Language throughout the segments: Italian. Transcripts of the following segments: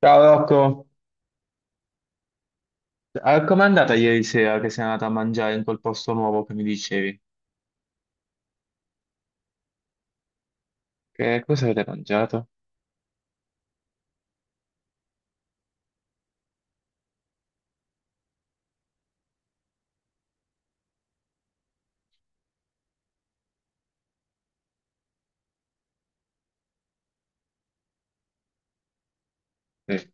Ciao Rocco, com'è andata ieri sera che sei andata a mangiare in quel posto nuovo che mi dicevi? Che cosa avete mangiato? Sì.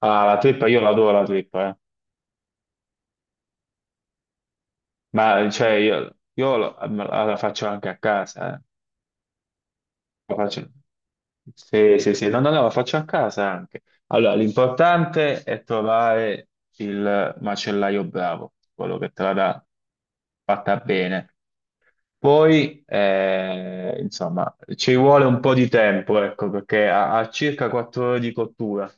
Ah, la trippa, io l'adoro la trippa, eh. Ma cioè io la faccio anche a casa, eh. La faccio- Sì, sì, sì, no, no, no, la faccio a casa anche. Allora, l'importante è trovare il macellaio bravo, quello che te la dà fatta bene. Poi, insomma, ci vuole un po' di tempo, ecco, perché a circa 4 ore di cottura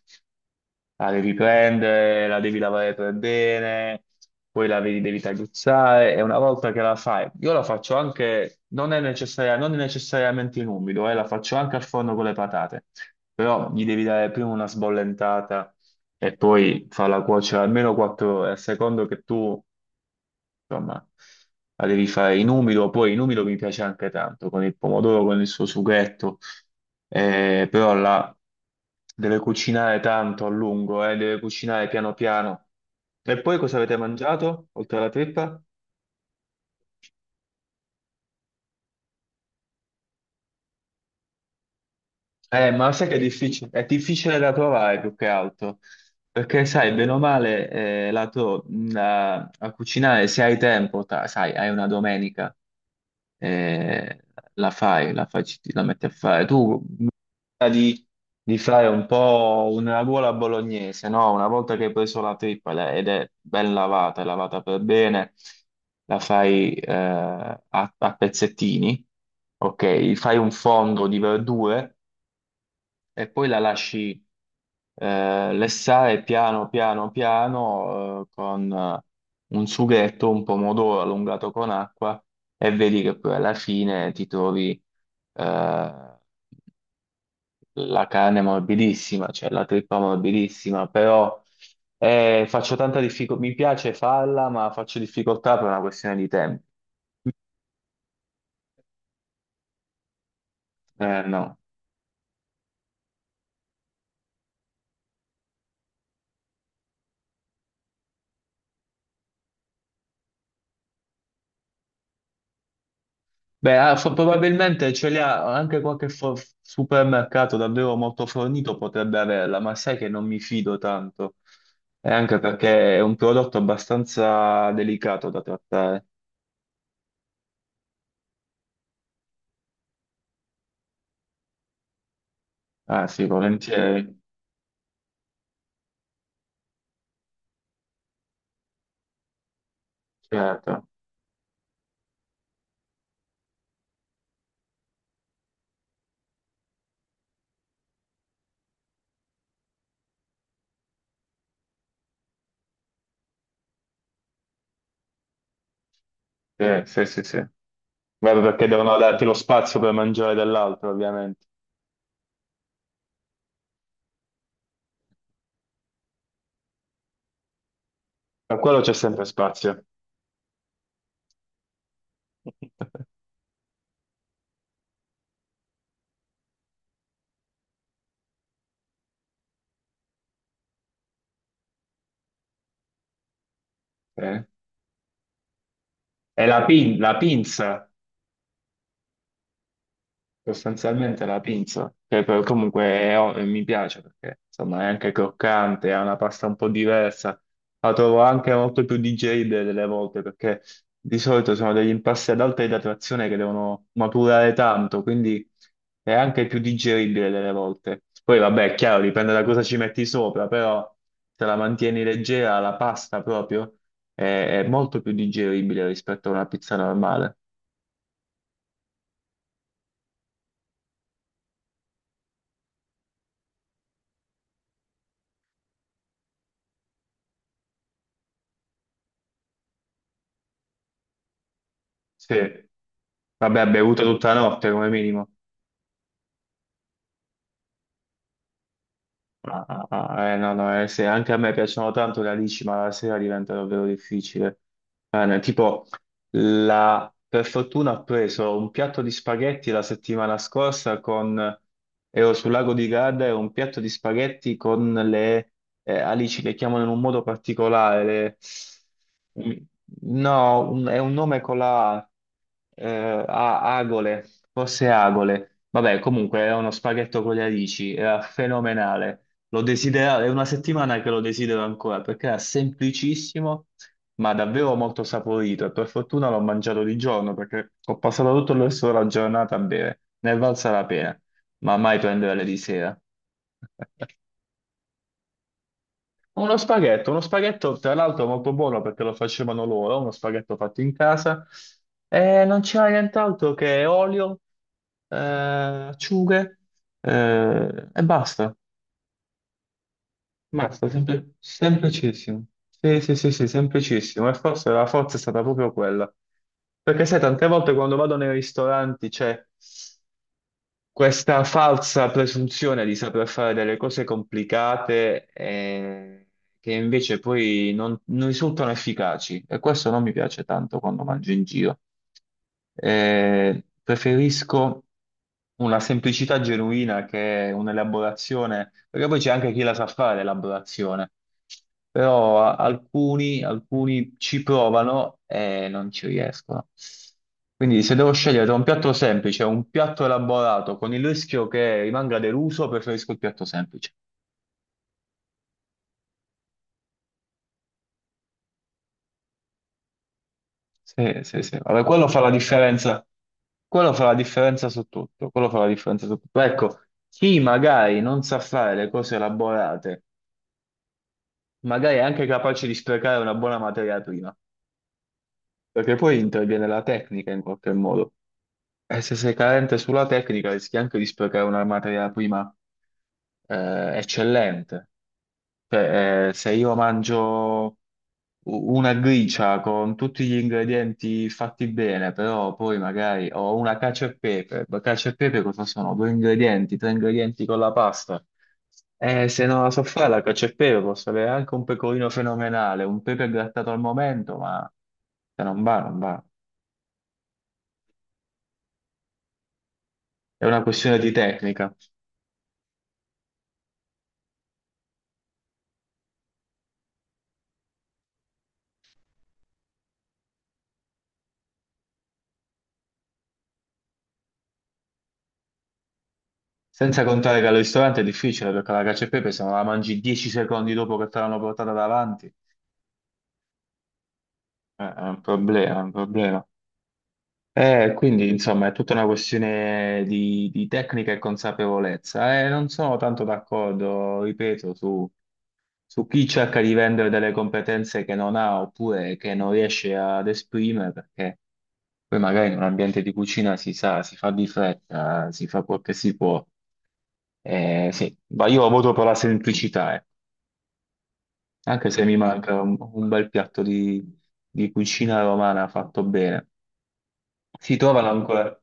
la devi prendere, la devi lavare per bene, poi la devi tagliuzzare e una volta che la fai, io la faccio anche, non necessariamente in umido, la faccio anche al forno con le patate, però gli devi dare prima una sbollentata e poi farla cuocere almeno 4 ore, a secondo che tu insomma, la devi fare in umido, poi in umido mi piace anche tanto, con il pomodoro, con il suo sughetto, però la deve cucinare tanto a lungo, deve cucinare piano piano. E poi cosa avete mangiato, oltre alla trippa? Ma sai che è difficile da trovare più che altro, perché sai, bene o male, a cucinare se hai tempo, sai, hai una domenica, eh, la fai, la metti a fare. Tu di, di fare un po' una ruola bolognese, no? Una volta che hai preso la trippa ed è ben lavata, è lavata per bene, la fai a pezzettini, ok? Fai un fondo di verdure e poi la lasci lessare piano piano piano con un sughetto, un pomodoro allungato con acqua e vedi che poi alla fine ti trovi eh, la carne è morbidissima, cioè la trippa morbidissima, però faccio tanta difficoltà, mi piace farla, ma faccio difficoltà per una questione di tempo. No. Beh, ah, probabilmente ce li ha anche qualche supermercato davvero molto fornito potrebbe averla, ma sai che non mi fido tanto, e anche perché è un prodotto abbastanza delicato da trattare. Ah sì, volentieri, certo. Sì, sì, sì, sì. Vabbè, perché devono darti lo spazio per mangiare dell'altro, ovviamente. Per quello c'è sempre spazio. Eh? È la pinza. Sostanzialmente la pinza, che poi comunque mi piace perché insomma è anche croccante, è una pasta un po' diversa, la trovo anche molto più digeribile delle volte perché di solito sono degli impasti ad alta idratazione che devono maturare tanto, quindi è anche più digeribile delle volte. Poi vabbè, è chiaro, dipende da cosa ci metti sopra, però se la mantieni leggera, la pasta proprio è molto più digeribile rispetto a una pizza normale. Sì. Vabbè, ha bevuto tutta la notte come minimo. Ah, ah, ah, no, no, se anche a me piacciono tanto le alici, ma la sera diventa davvero difficile. No, tipo, per fortuna ho preso un piatto di spaghetti la settimana scorsa con. Ero sul lago di Garda e ho un piatto di spaghetti con le alici, le chiamano in un modo particolare. le- No, è un nome con la A, agole, forse agole. Vabbè, comunque è uno spaghetto con le alici, era fenomenale. È una settimana che lo desidero ancora perché era semplicissimo, ma davvero molto saporito. E per fortuna l'ho mangiato di giorno perché ho passato tutto il resto della giornata a bere. Ne è valsa la pena, ma mai prendere di sera. Uno spaghetto tra l'altro molto buono perché lo facevano loro, uno spaghetto fatto in casa. E non c'era nient'altro che olio, acciughe, e basta. Mazza, semplicissimo. Sì, sì, sì, sì, semplicissimo. E forse la forza è stata proprio quella. Perché sai, tante volte quando vado nei ristoranti c'è questa falsa presunzione di saper fare delle cose complicate che invece poi non risultano efficaci. E questo non mi piace tanto quando mangio in giro. Preferisco una semplicità genuina che un'elaborazione, perché poi c'è anche chi la sa fare l'elaborazione, però alcuni ci provano e non ci riescono. Quindi se devo scegliere tra un piatto semplice e un piatto elaborato con il rischio che rimanga deluso, preferisco il piatto semplice. Sì, sì, sì. Vabbè, quello fa la differenza. Quello fa la differenza su tutto. Quello fa la differenza su tutto. Ecco, chi magari non sa fare le cose elaborate, magari è anche capace di sprecare una buona materia prima, perché poi interviene la tecnica in qualche modo. E se sei carente sulla tecnica, rischi anche di sprecare una materia prima, eccellente. Cioè, se io mangio una gricia con tutti gli ingredienti fatti bene, però poi magari ho una cacio e pepe, ma cacio e pepe cosa sono? Due ingredienti, tre ingredienti con la pasta. Se non la so fare la cacio e pepe posso avere anche un pecorino fenomenale, un pepe grattato al momento, ma se non va, non va. È una questione di tecnica. Senza contare che al ristorante è difficile perché la cacio e pepe se non la mangi 10 secondi dopo che te l'hanno portata davanti. È un problema, è un problema. Quindi, insomma, è tutta una questione di tecnica e consapevolezza. Non sono tanto d'accordo, ripeto, su chi cerca di vendere delle competenze che non ha oppure che non riesce ad esprimere, perché poi magari in un ambiente di cucina si sa, si fa di fretta, si fa quel che si può. Sì, ma io voto per la semplicità, eh. Anche se mi manca un bel piatto di cucina romana fatto bene. Si trovano ancora.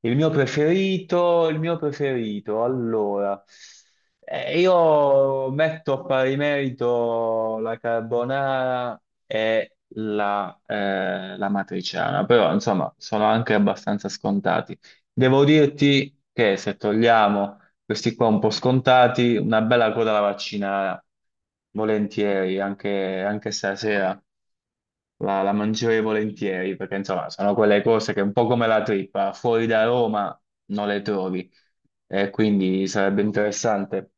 Il mio preferito, allora, io metto a pari merito la carbonara e la matriciana, però insomma sono anche abbastanza scontati. Devo dirti che se togliamo questi qua un po' scontati, una bella coda alla vaccinara, volentieri, anche stasera la mangerei volentieri perché insomma sono quelle cose che un po' come la trippa, fuori da Roma non le trovi e quindi sarebbe interessante.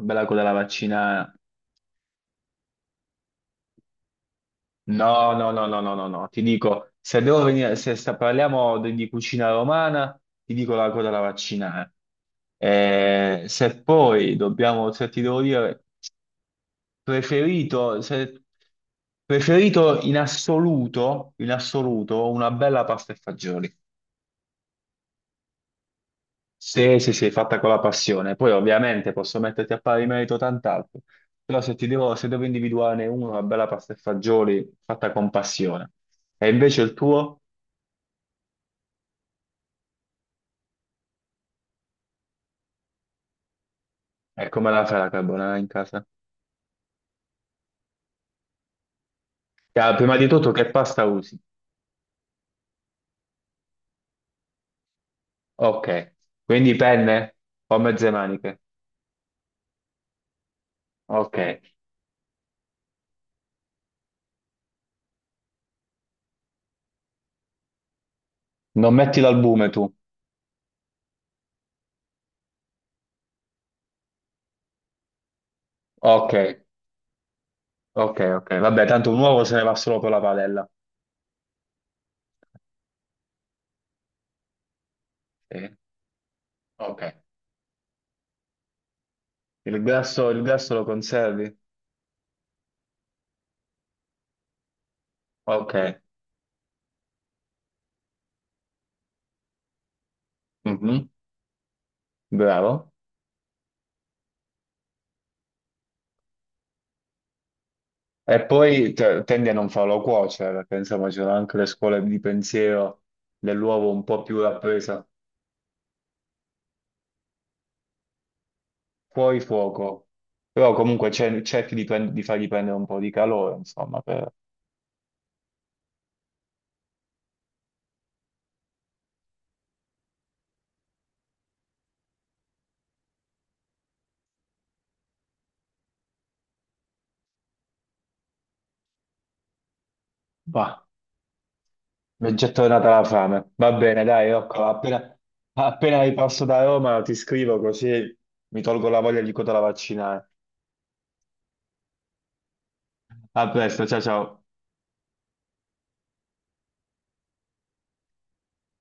Bella quella la vaccina. No, no, no, no, no, no, no, ti dico, se devo venire, se sta- parliamo di cucina romana, ti dico la coda alla vaccinare. Se poi dobbiamo, se ti devo dire, preferito, preferito in assoluto, una bella pasta e fagioli. Sì, sì, sì, fatta con la passione. Poi ovviamente posso metterti a pari merito tant'altro, però se ti devo, se devo individuarne uno, una bella pasta e fagioli fatta con passione. E invece il tuo? E come la fai la carbonara in casa? Ah, prima di tutto che pasta usi? Ok, quindi penne o mezze maniche? Ok, non metti l'albume tu? Ok, ok, ok. Vabbè, tanto un uovo se ne va solo per la padella. Sì, ok. Il grasso lo conservi? Ok. Mhm. Bravo. E poi tendi a non farlo cuocere, perché insomma c'erano anche le scuole di pensiero dell'uovo un po' più rappresa. Fuori fuoco, però comunque cerchi di fargli prendere un po' di calore, insomma, per. Bah, mi è già tornata la fame. Va bene, dai, Rocco, appena ripasso da Roma ti scrivo così mi tolgo la voglia di cotola vaccinare. A presto, ciao ciao.